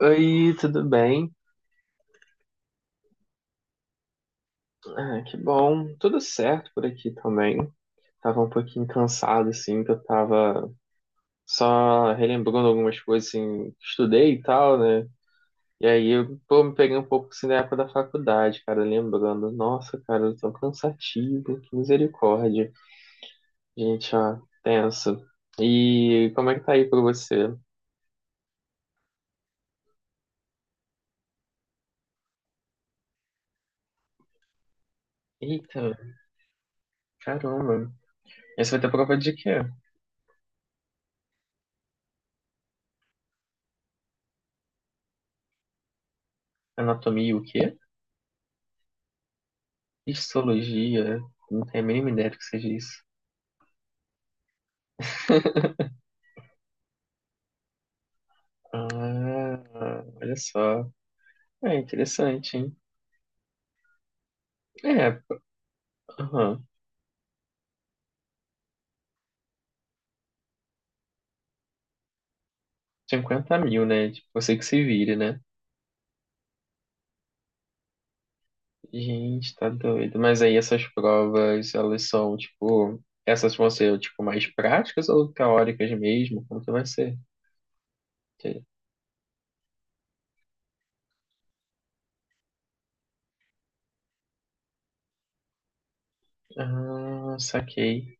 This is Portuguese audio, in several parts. Oi, tudo bem? Ah, que bom. Tudo certo por aqui também. Tava um pouquinho cansado, assim, que eu tava só relembrando algumas coisas, assim, que estudei e tal, né? E aí eu, pô, me peguei um pouco, assim, da época da faculdade, cara, lembrando. Nossa, cara, eu tô cansativo, que misericórdia. Gente, ó, tenso. E como é que tá aí pra você? Eita, caramba. Essa vai ter prova de quê? Anatomia e o quê? Histologia? Não tenho a mínima ideia do que seja isso. Ah, olha só. É interessante, hein? É, aham. 50 mil, né? Tipo, você que se vire, né? Gente, tá doido. Mas aí essas provas, elas são, tipo, essas vão ser, tipo, mais práticas ou teóricas mesmo? Como que vai ser? Que- Ah, saquei.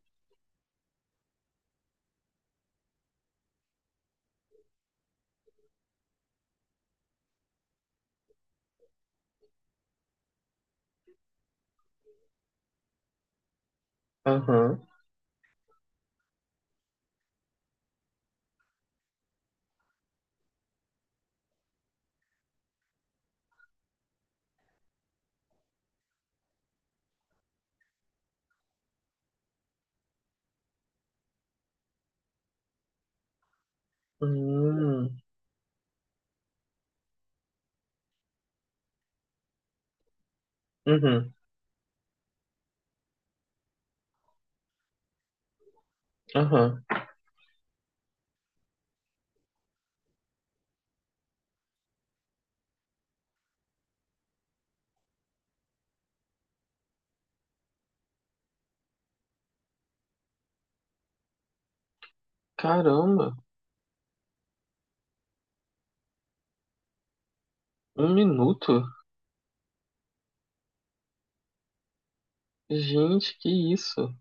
Aham. Hum. Uhum. Aham. Caramba, 1 minuto? Gente, que isso?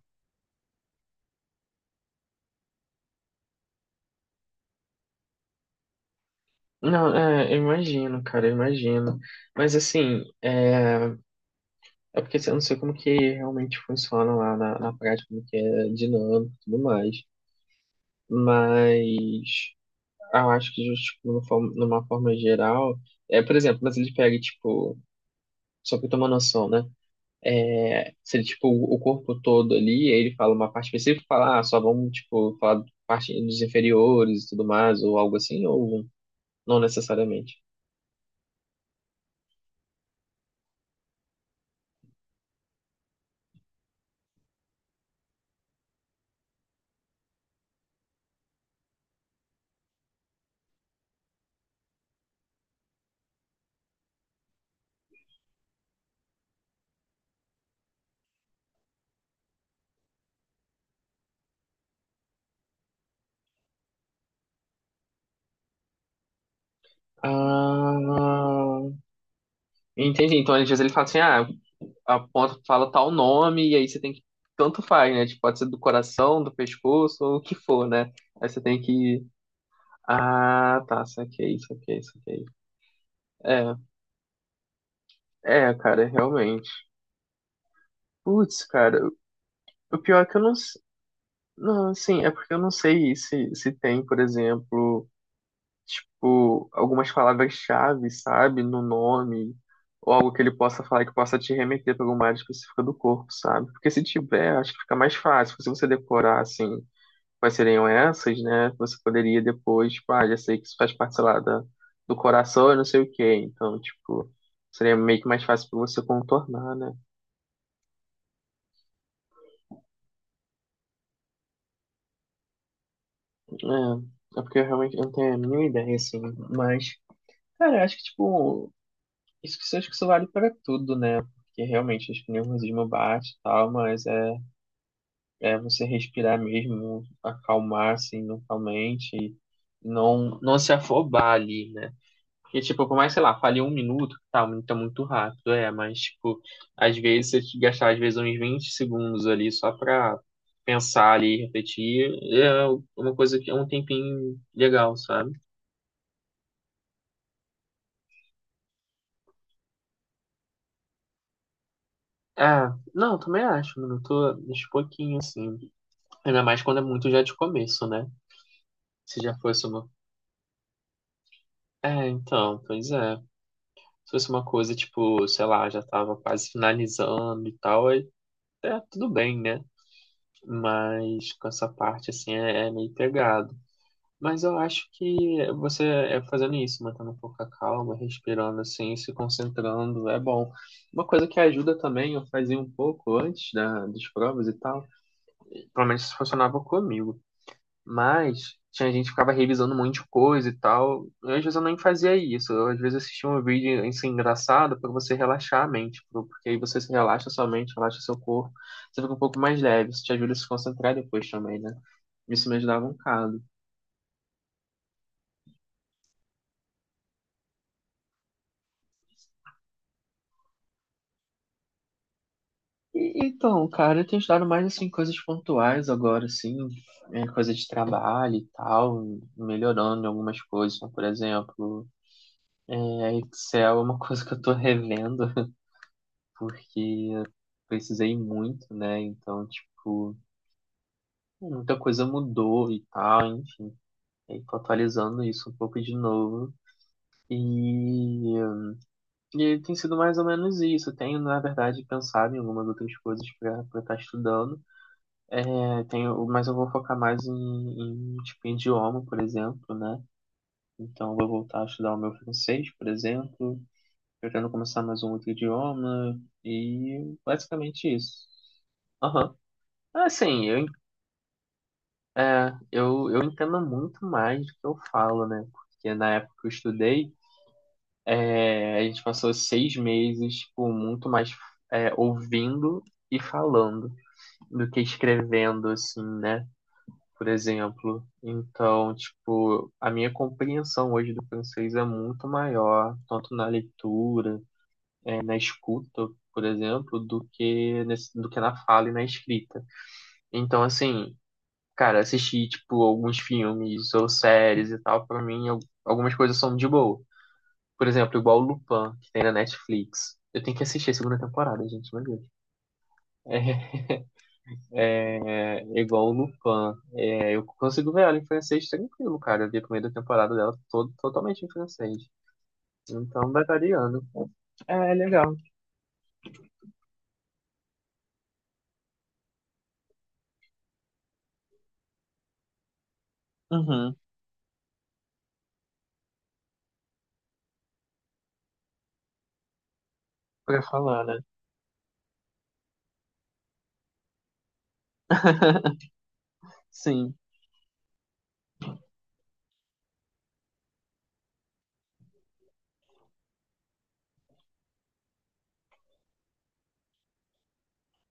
Não, é, eu imagino, cara, eu imagino. Mas assim, é. É porque assim, eu não sei como que realmente funciona lá na prática, como que é dinâmico e tudo mais. Mas eu acho que tipo, numa forma geral, é, por exemplo, mas ele pega, tipo, só pra eu ter uma noção, né? É, se ele, tipo, o corpo todo ali, aí ele fala uma parte específica, e fala, ah, só vamos, tipo, parte dos inferiores e tudo mais, ou algo assim, ou não necessariamente. Ah, entendi. Então, às vezes ele fala assim, ah, aponta, fala tal nome, e aí você tem que. Tanto faz, né? Tipo, pode ser do coração, do pescoço, ou o que for, né? Aí você tem que. Ah, tá, saquei, saquei, saquei. É, é, cara, realmente. Putz, cara, o pior é que eu não. Não, assim, é porque eu não sei se, se tem, por exemplo, tipo, algumas palavras-chave, sabe? No nome, ou algo que ele possa falar que possa te remeter para alguma área específica do corpo, sabe? Porque se tiver, acho que fica mais fácil se você decorar, assim. Quais seriam essas, né? Você poderia depois, tipo, ah, já sei que isso faz parte, sei lá, do coração e não sei o quê. Então, tipo, seria meio que mais fácil pra você contornar, né? É, é porque eu realmente não tenho a mínima ideia, assim. Mas, cara, eu acho que, tipo, acho que isso vale pra tudo, né? Porque realmente acho que o nervosismo bate e tal, mas é você respirar mesmo, acalmar, assim, mentalmente, e não se afobar ali, né? Porque, tipo, por mais, sei lá, falhei 1 minuto, tá, 1 minuto é muito rápido, é, mas, tipo, às vezes você te gastar, às vezes, uns 20 segundos ali só pra pensar ali, refletir, é uma coisa que é um tempinho legal, sabe? Ah, não, também acho, mano, eu tô uns pouquinho, assim, ainda mais quando é muito já de começo, né? Se já fosse uma... É, então, pois é. Se fosse uma coisa, tipo, sei lá, já tava quase finalizando e tal, aí, é, tudo bem, né? Mas com essa parte assim é meio pegado. Mas eu acho que você é fazendo isso, mantendo um pouco a calma, respirando assim, se concentrando, é bom. Uma coisa que ajuda também, eu fazia um pouco antes das provas e tal, pelo menos isso funcionava comigo. Mas tinha gente que ficava revisando um monte de coisa e tal. E às vezes eu nem fazia isso. Eu, às vezes assistia um vídeo assim, engraçado para você relaxar a mente, porque aí você se relaxa sua mente, relaxa seu corpo, você fica um pouco mais leve, isso te ajuda a se concentrar depois também, né? Isso me ajudava um bocado. E, então, cara, eu tenho estudado mais assim coisas pontuais agora, assim, é, coisa de trabalho e tal, melhorando em algumas coisas. Então, por exemplo, é, Excel é uma coisa que eu tô revendo. Porque eu precisei muito, né? Então, tipo, muita coisa mudou e tal, enfim. E aí tô atualizando isso um pouco de novo. E, e tem sido mais ou menos isso. Eu tenho, na verdade, pensado em algumas outras coisas para estar estudando. É, tenho, mas eu vou focar mais em, tipo, em idioma, por exemplo, né? Então, eu vou voltar a estudar o meu francês, por exemplo. Pretendo começar mais um outro idioma. E basicamente isso. Aham. Assim, eu, é, eu entendo muito mais do que eu falo, né? Porque na época que eu estudei, é, a gente passou 6 meses, tipo, muito mais é, ouvindo e falando do que escrevendo, assim, né? Por exemplo. Então, tipo, a minha compreensão hoje do francês é muito maior, tanto na leitura, é, na escuta, por exemplo, do que, nesse, do que na fala e na escrita. Então, assim, cara, assistir, tipo, alguns filmes ou séries e tal, pra mim, algumas coisas são de boa. Por exemplo, igual o Lupin, que tem na Netflix. Eu tenho que assistir a segunda temporada, gente, meu Deus. É, é, igual o Lupin. É, eu consigo ver ela em francês tranquilo, cara. Eu vi a primeira temporada dela todo, totalmente em francês. Então, batalhando. É, é legal. Uhum. Pra falar, né? Sim.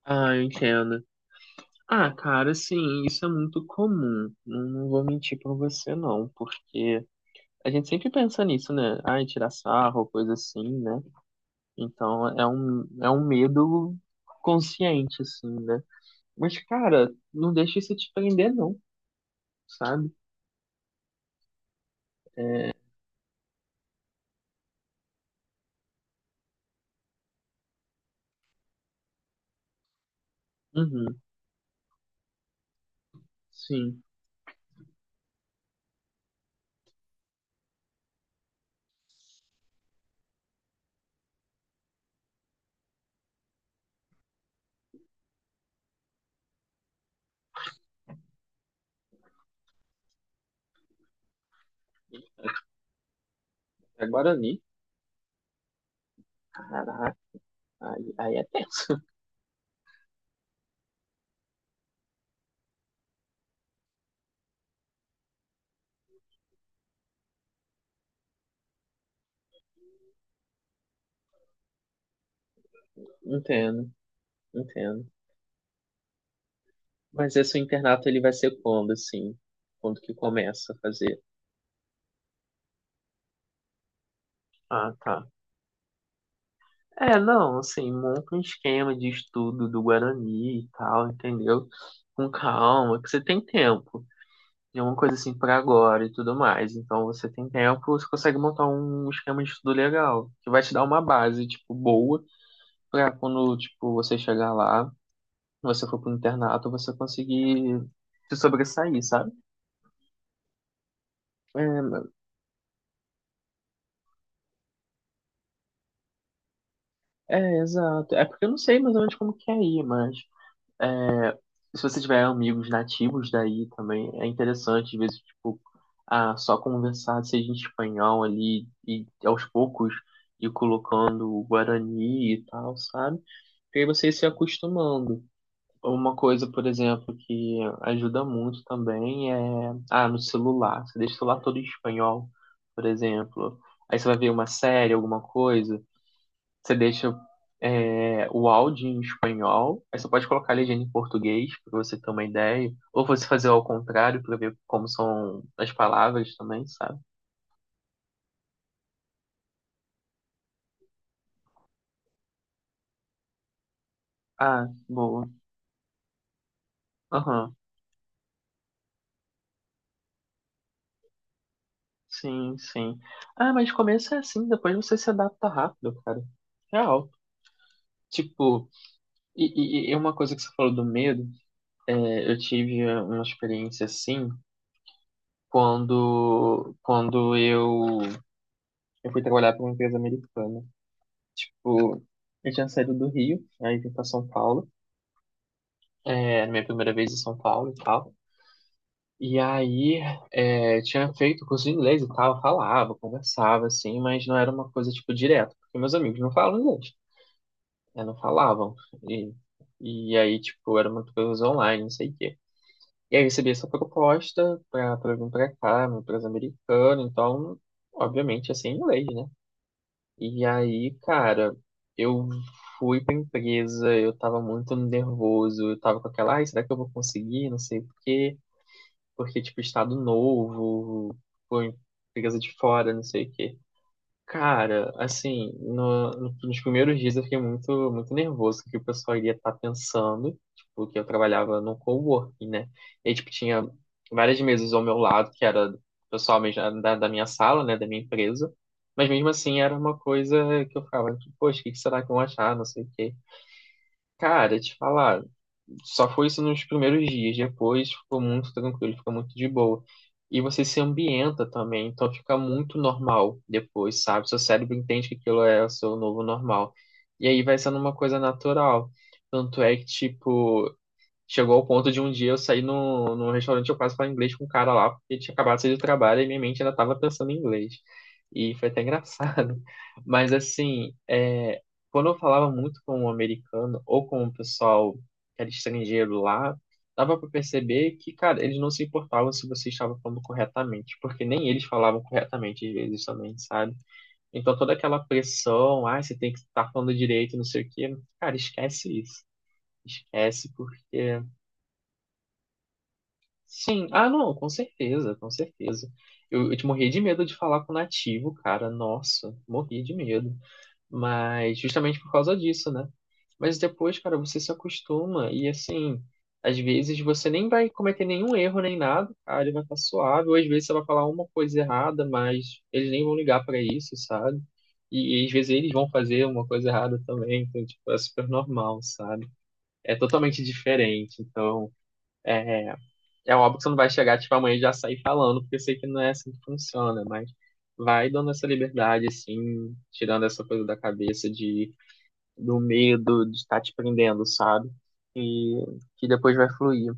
Ah, eu entendo. Ah, cara, sim, isso é muito comum. Não vou mentir pra você, não, porque a gente sempre pensa nisso, né? Ai, tirar sarro, coisa assim, né? Então é um medo consciente, assim, né? Mas, cara, não, deixa isso te prender, não, sabe? Uhum, sim. Agora ali, caraca, aí é tenso. Entendo, entendo. Mas esse internato ele vai ser quando, assim? Quando que começa a fazer? Ah, tá. É, não, assim, monta um esquema de estudo do Guarani e tal, entendeu? Com calma, que você tem tempo. É uma coisa assim para agora e tudo mais. Então você tem tempo, você consegue montar um esquema de estudo legal, que vai te dar uma base, tipo, boa, pra quando, tipo, você chegar lá, você for pro internato, você conseguir se sobressair, sabe? É, é, exato. É porque eu não sei mais ou menos como que é aí, mas se você tiver amigos nativos daí também, é interessante, às vezes, tipo, ah, só conversar, seja em espanhol ali, e aos poucos ir colocando o guarani e tal, sabe? E aí você ir se acostumando. Uma coisa, por exemplo, que ajuda muito também é, ah, no celular, você deixa o celular todo em espanhol, por exemplo. Aí você vai ver uma série, alguma coisa, você deixa é, o áudio em espanhol, aí você pode colocar a legenda em português, para você ter uma ideia. Ou você fazer ao contrário, para ver como são as palavras também, sabe? Ah, boa. Aham. Sim, sim. Ah, mas começa assim, depois você se adapta rápido, cara. Real. Tipo, e, e uma coisa que você falou do medo, é, eu tive uma experiência assim quando eu fui trabalhar para uma empresa americana. Tipo, eu tinha saído do Rio, aí vim pra São Paulo. É, minha primeira vez em São Paulo e tal. E aí, é, eu tinha feito curso de inglês e tal, eu falava, conversava, assim, mas não era uma coisa, tipo, direta, porque meus amigos não falam inglês, né, não falavam. E, e aí, tipo, era uma coisa online, não sei o quê. E aí, eu recebi essa proposta pra vir pra cá, uma empresa americana, então, obviamente, ia ser em inglês, né? E aí, cara, eu fui pra empresa, eu tava muito nervoso, eu tava com aquela, ai, será que eu vou conseguir? Não sei o quê, porque, tipo, estado novo, pô, empresa de fora, não sei o quê. Cara, assim, nos primeiros dias eu fiquei muito, muito nervoso com o que o pessoal iria estar pensando, tipo, que eu trabalhava num coworking, né? E, aí, tipo, tinha várias mesas ao meu lado, que era do pessoal mesmo da minha sala, né, da minha empresa, mas mesmo assim era uma coisa que eu ficava, tipo, poxa, o que que será que vão achar, não sei o quê. Cara, te falar, só foi isso nos primeiros dias. Depois ficou muito tranquilo, fica muito de boa. E você se ambienta também, então fica muito normal depois, sabe? Seu cérebro entende que aquilo é o seu novo normal. E aí vai sendo uma coisa natural. Tanto é que, tipo, chegou ao ponto de um dia eu sair no restaurante, eu quase falar inglês com um cara lá, porque tinha acabado de sair do trabalho e minha mente ainda estava pensando em inglês. E foi até engraçado. Mas assim, é, quando eu falava muito com um americano ou com o pessoal que era estrangeiro lá, dava para perceber que, cara, eles não se importavam se você estava falando corretamente, porque nem eles falavam corretamente às vezes também, sabe? Então toda aquela pressão, ah, você tem que estar falando direito, não sei o quê, cara, esquece isso. Esquece porque. Sim, ah não, com certeza, com certeza. Eu te morria de medo de falar com nativo, cara, nossa, morria de medo. Mas justamente por causa disso, né? Mas depois, cara, você se acostuma e assim, às vezes você nem vai cometer nenhum erro nem nada, cara, ele vai estar suave, ou às vezes você vai falar uma coisa errada, mas eles nem vão ligar pra isso, sabe? E às vezes eles vão fazer uma coisa errada também, então, tipo, é super normal, sabe? É totalmente diferente, então. é é óbvio que você não vai chegar, tipo, amanhã e já sair falando, porque eu sei que não é assim que funciona, mas vai dando essa liberdade, assim, tirando essa coisa da cabeça de, do medo de estar te prendendo, sabe? E que depois vai fluir.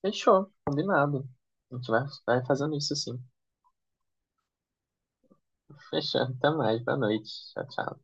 Fechou, combinado. A gente vai, vai fazendo isso, assim. Fechando, até mais, boa noite. Tchau, tchau.